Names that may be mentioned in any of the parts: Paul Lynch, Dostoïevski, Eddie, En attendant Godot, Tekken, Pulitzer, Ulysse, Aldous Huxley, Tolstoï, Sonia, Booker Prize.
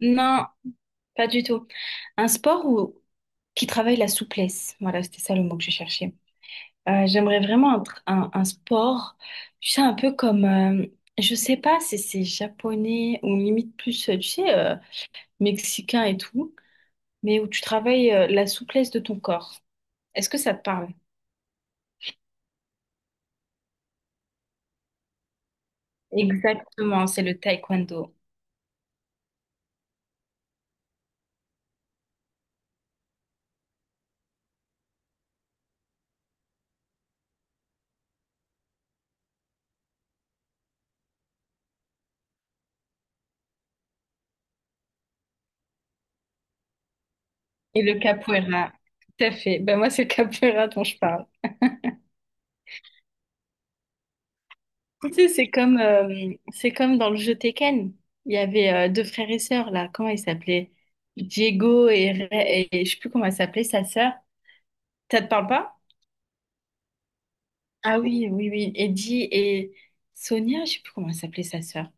Non, pas du tout. Un sport où... qui travaille la souplesse. Voilà, c'était ça le mot que je cherchais. J'aimerais vraiment un, un sport, tu sais, un peu comme, je sais pas si c'est japonais ou limite plus, tu sais, mexicain et tout, mais où tu travailles la souplesse de ton corps. Est-ce que ça te parle? Exactement, c'est le taekwondo et le capoeira. Tout à fait. Ben moi, c'est le capoeira dont je parle. Tu sais, c'est comme dans le jeu Tekken. Il y avait deux frères et sœurs, là. Comment ils s'appelaient? Diego et, et, je sais plus comment elle s'appelait, sa sœur. Ça te parle pas? Ah oui, oui, oui. Eddie et Sonia, je sais plus comment elle s'appelait, sa sœur.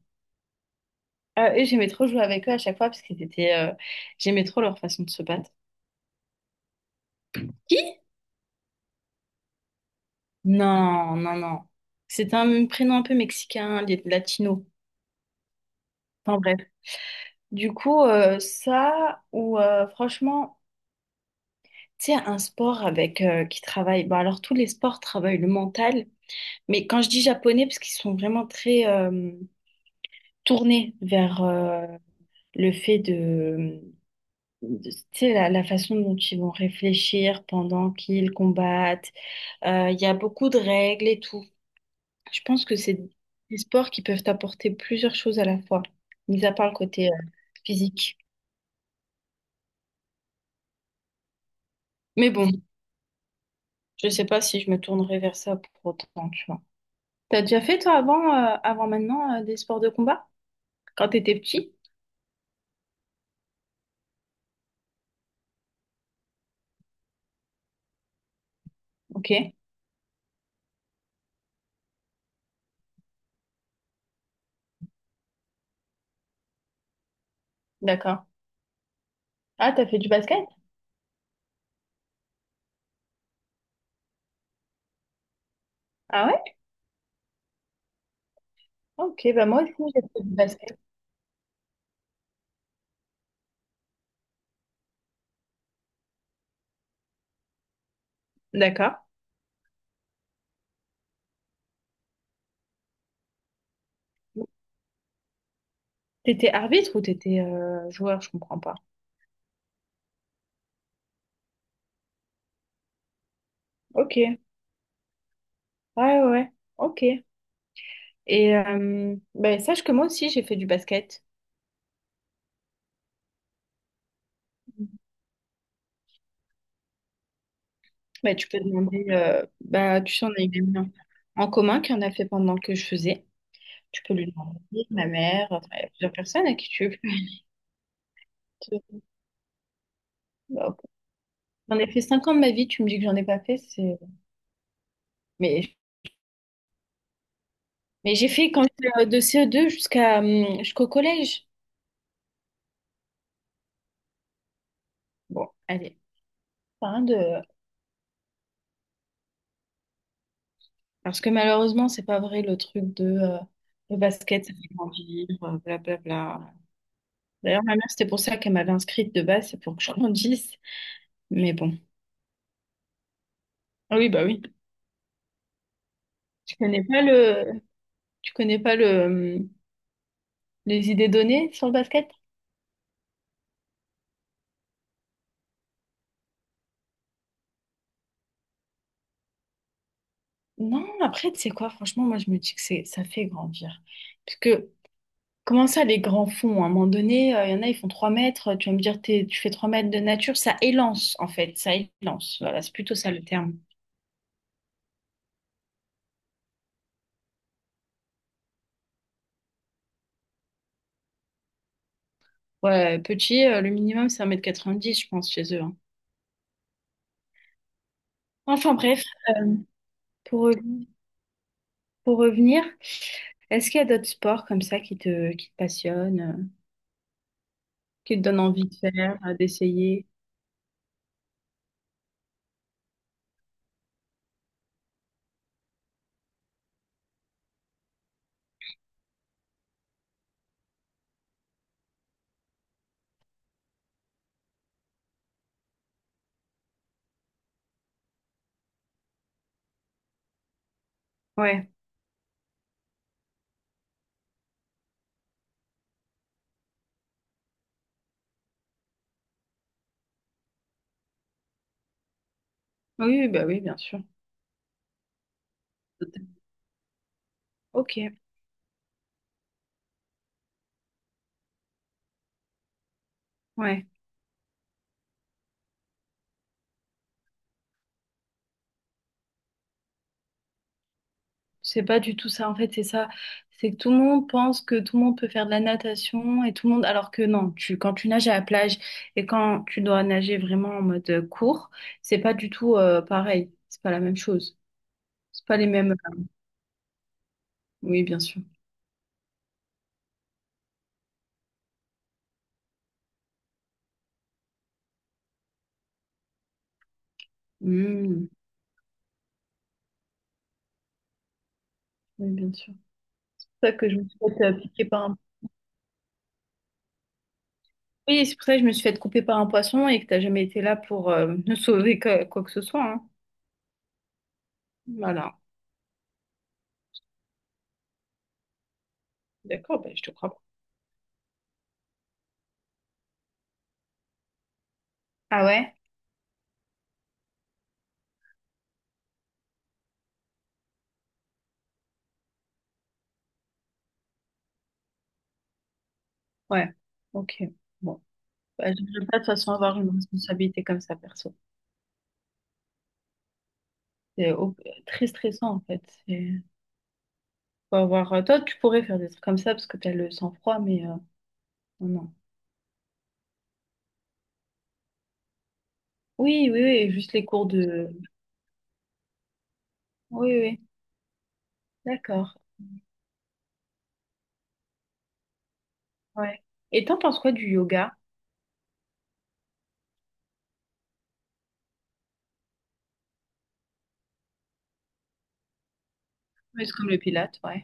Eux, j'aimais trop jouer avec eux à chaque fois parce qu'ils étaient, j'aimais trop leur façon de se battre. Qui? Non, non, non. C'était un prénom un peu mexicain, latino. Enfin bref. Du coup, ça, ou franchement. Tu sais, un sport avec qui travaille. Bon, alors tous les sports travaillent le mental, mais quand je dis japonais, parce qu'ils sont vraiment très tournés vers le fait de, tu sais, la façon dont ils vont réfléchir pendant qu'ils combattent. Il y a beaucoup de règles et tout. Je pense que c'est des sports qui peuvent apporter plusieurs choses à la fois, mis à part le côté physique. Mais bon, je sais pas si je me tournerai vers ça pour autant, tu vois. T'as déjà fait toi avant, avant maintenant, des sports de combat? Quand t'étais petit? Ok, d'accord. Ah, t'as fait du basket? Ah ouais? Ok, bah moi aussi j'ai fait du basket. D'accord. T'étais arbitre ou t'étais joueur? Je comprends pas. Ok, ouais, ouais, ouais, ok. Et ben, sache que moi aussi j'ai fait du basket. Ben, tu peux demander, bah, tu sais, on a une amie en commun qui en a fait pendant que je faisais. Tu peux lui demander, ma mère, enfin, il y a plusieurs personnes à qui tu veux. J'en ai fait 5 ans de ma vie, tu me dis que j'en ai pas fait, c'est... Mais, mais j'ai fait quand j'étais, de CE2 jusqu'à jusqu'au collège. Bon, allez, pas rien de... Parce que malheureusement, c'est pas vrai le truc de le basket, ça fait grandir, blablabla. D'ailleurs, ma mère, c'était pour ça qu'elle m'avait inscrite de base, c'est pour que je grandisse. Mais bon. Ah oui, bah oui. Tu connais pas le... Tu connais pas le... hum, les idées données sur le basket? Non, après, tu sais quoi, franchement, moi, je me dis que c'est ça fait grandir. Parce que comment ça, les grands fonds? À un moment donné, il y en a, ils font 3 mètres. Tu vas me dire, tu fais 3 mètres de nature, ça élance, en fait. Ça élance. Voilà, c'est plutôt ça le terme. Ouais, petit, le minimum, c'est 1,90 mètre je pense, chez eux, hein. Enfin bref, pour, re- pour revenir, est-ce qu'il y a d'autres sports comme ça qui te passionnent, qui te donnent envie de faire, d'essayer? Ouais. Oui, oui, bah oui, bien sûr. Ok, ouais. C'est pas du tout ça, en fait, c'est ça. C'est que tout le monde pense que tout le monde peut faire de la natation et tout le monde, alors que non, tu, quand tu nages à la plage et quand tu dois nager vraiment en mode court, c'est pas du tout pareil. C'est pas la même chose. C'est pas les mêmes, Oui, bien sûr. Mmh. Oui, bien sûr. C'est pour ça que je me suis fait piquer par un. Oui, c'est pour ça que je me suis fait couper par un poisson et que t'as jamais été là pour me sauver quoi que ce soit, hein. Voilà. D'accord, ben, je te crois pas. Ah ouais? Ouais. Ok. Bon. Bah, je ne veux pas de toute façon avoir une responsabilité comme ça, perso. C'est au- très stressant, en fait. C'est faut avoir... Toi, tu pourrais faire des trucs comme ça parce que tu as le sang-froid, mais non, non. Oui, oui, oui, juste les cours de... Oui, oui, d'accord. Ouais. Et t'en penses quoi du yoga? Oui, c'est comme le pilates, ouais.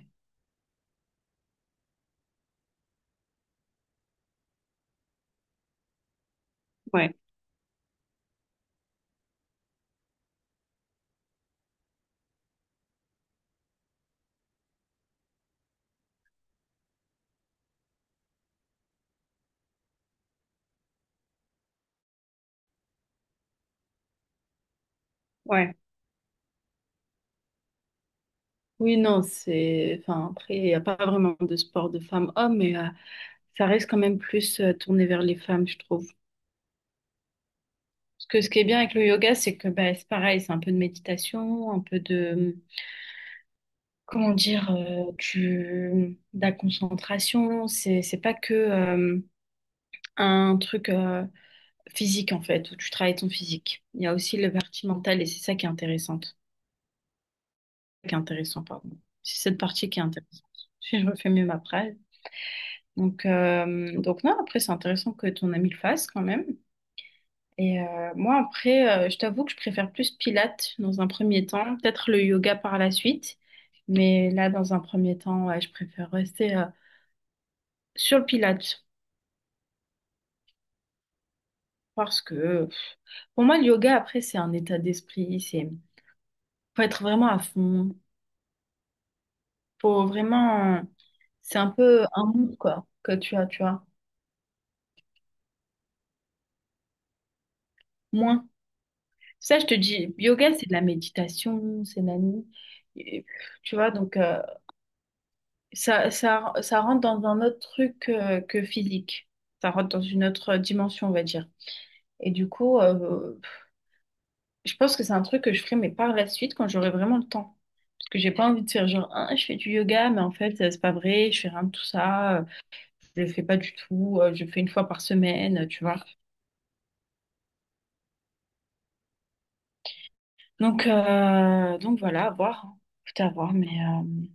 Ouais, ouais. Oui, non, c'est... Enfin, après, il n'y a pas vraiment de sport de femmes-hommes, mais ça reste quand même plus tourné vers les femmes, je trouve. Parce que ce qui est bien avec le yoga, c'est que bah, c'est pareil, c'est un peu de méditation, un peu de... comment dire, de la concentration. C'est pas que un truc physique, en fait, où tu travailles ton physique. Il y a aussi la partie mentale et c'est ça qui est intéressante. Qui est intéressant, pardon. C'est cette partie qui est intéressante. Si je refais mieux ma phrase. Donc non, après, c'est intéressant que ton ami le fasse quand même. Et moi, après, je t'avoue que je préfère plus Pilates dans un premier temps, peut-être le yoga par la suite. Mais là, dans un premier temps, ouais, je préfère rester sur le Pilates. Parce que pour moi, le yoga, après, c'est un état d'esprit. C'est faut être vraiment à fond. Faut vraiment. C'est un peu un mood, quoi, que tu as, tu vois. Moins. Ça, je te dis, yoga, c'est de la méditation, c'est nani. Et, tu vois, donc, ça rentre dans un autre truc que physique. Ça rentre dans une autre dimension, on va dire. Et du coup, je pense que c'est un truc que je ferai, mais par la suite, quand j'aurai vraiment le temps. Que j'ai pas envie de faire genre ah, je fais du yoga mais en fait c'est pas vrai je fais rien de tout ça je le fais pas du tout je le fais 1 fois par semaine tu vois donc voilà à voir hein. Tout à voir mais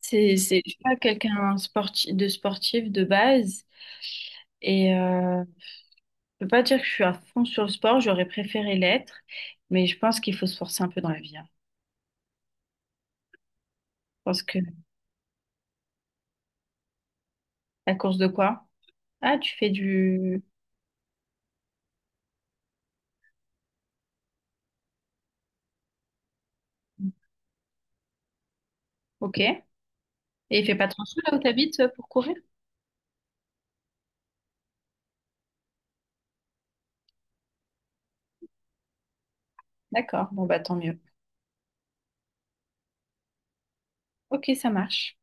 c'est je suis pas quelqu'un sportif de base et je peux pas dire que je suis à fond sur le sport j'aurais préféré l'être mais je pense qu'il faut se forcer un peu dans la vie hein. Je pense que la course de quoi ah tu fais du ok et il fait pas trop chaud là où t'habites pour courir D'accord, bon bah tant mieux. Ok, ça marche.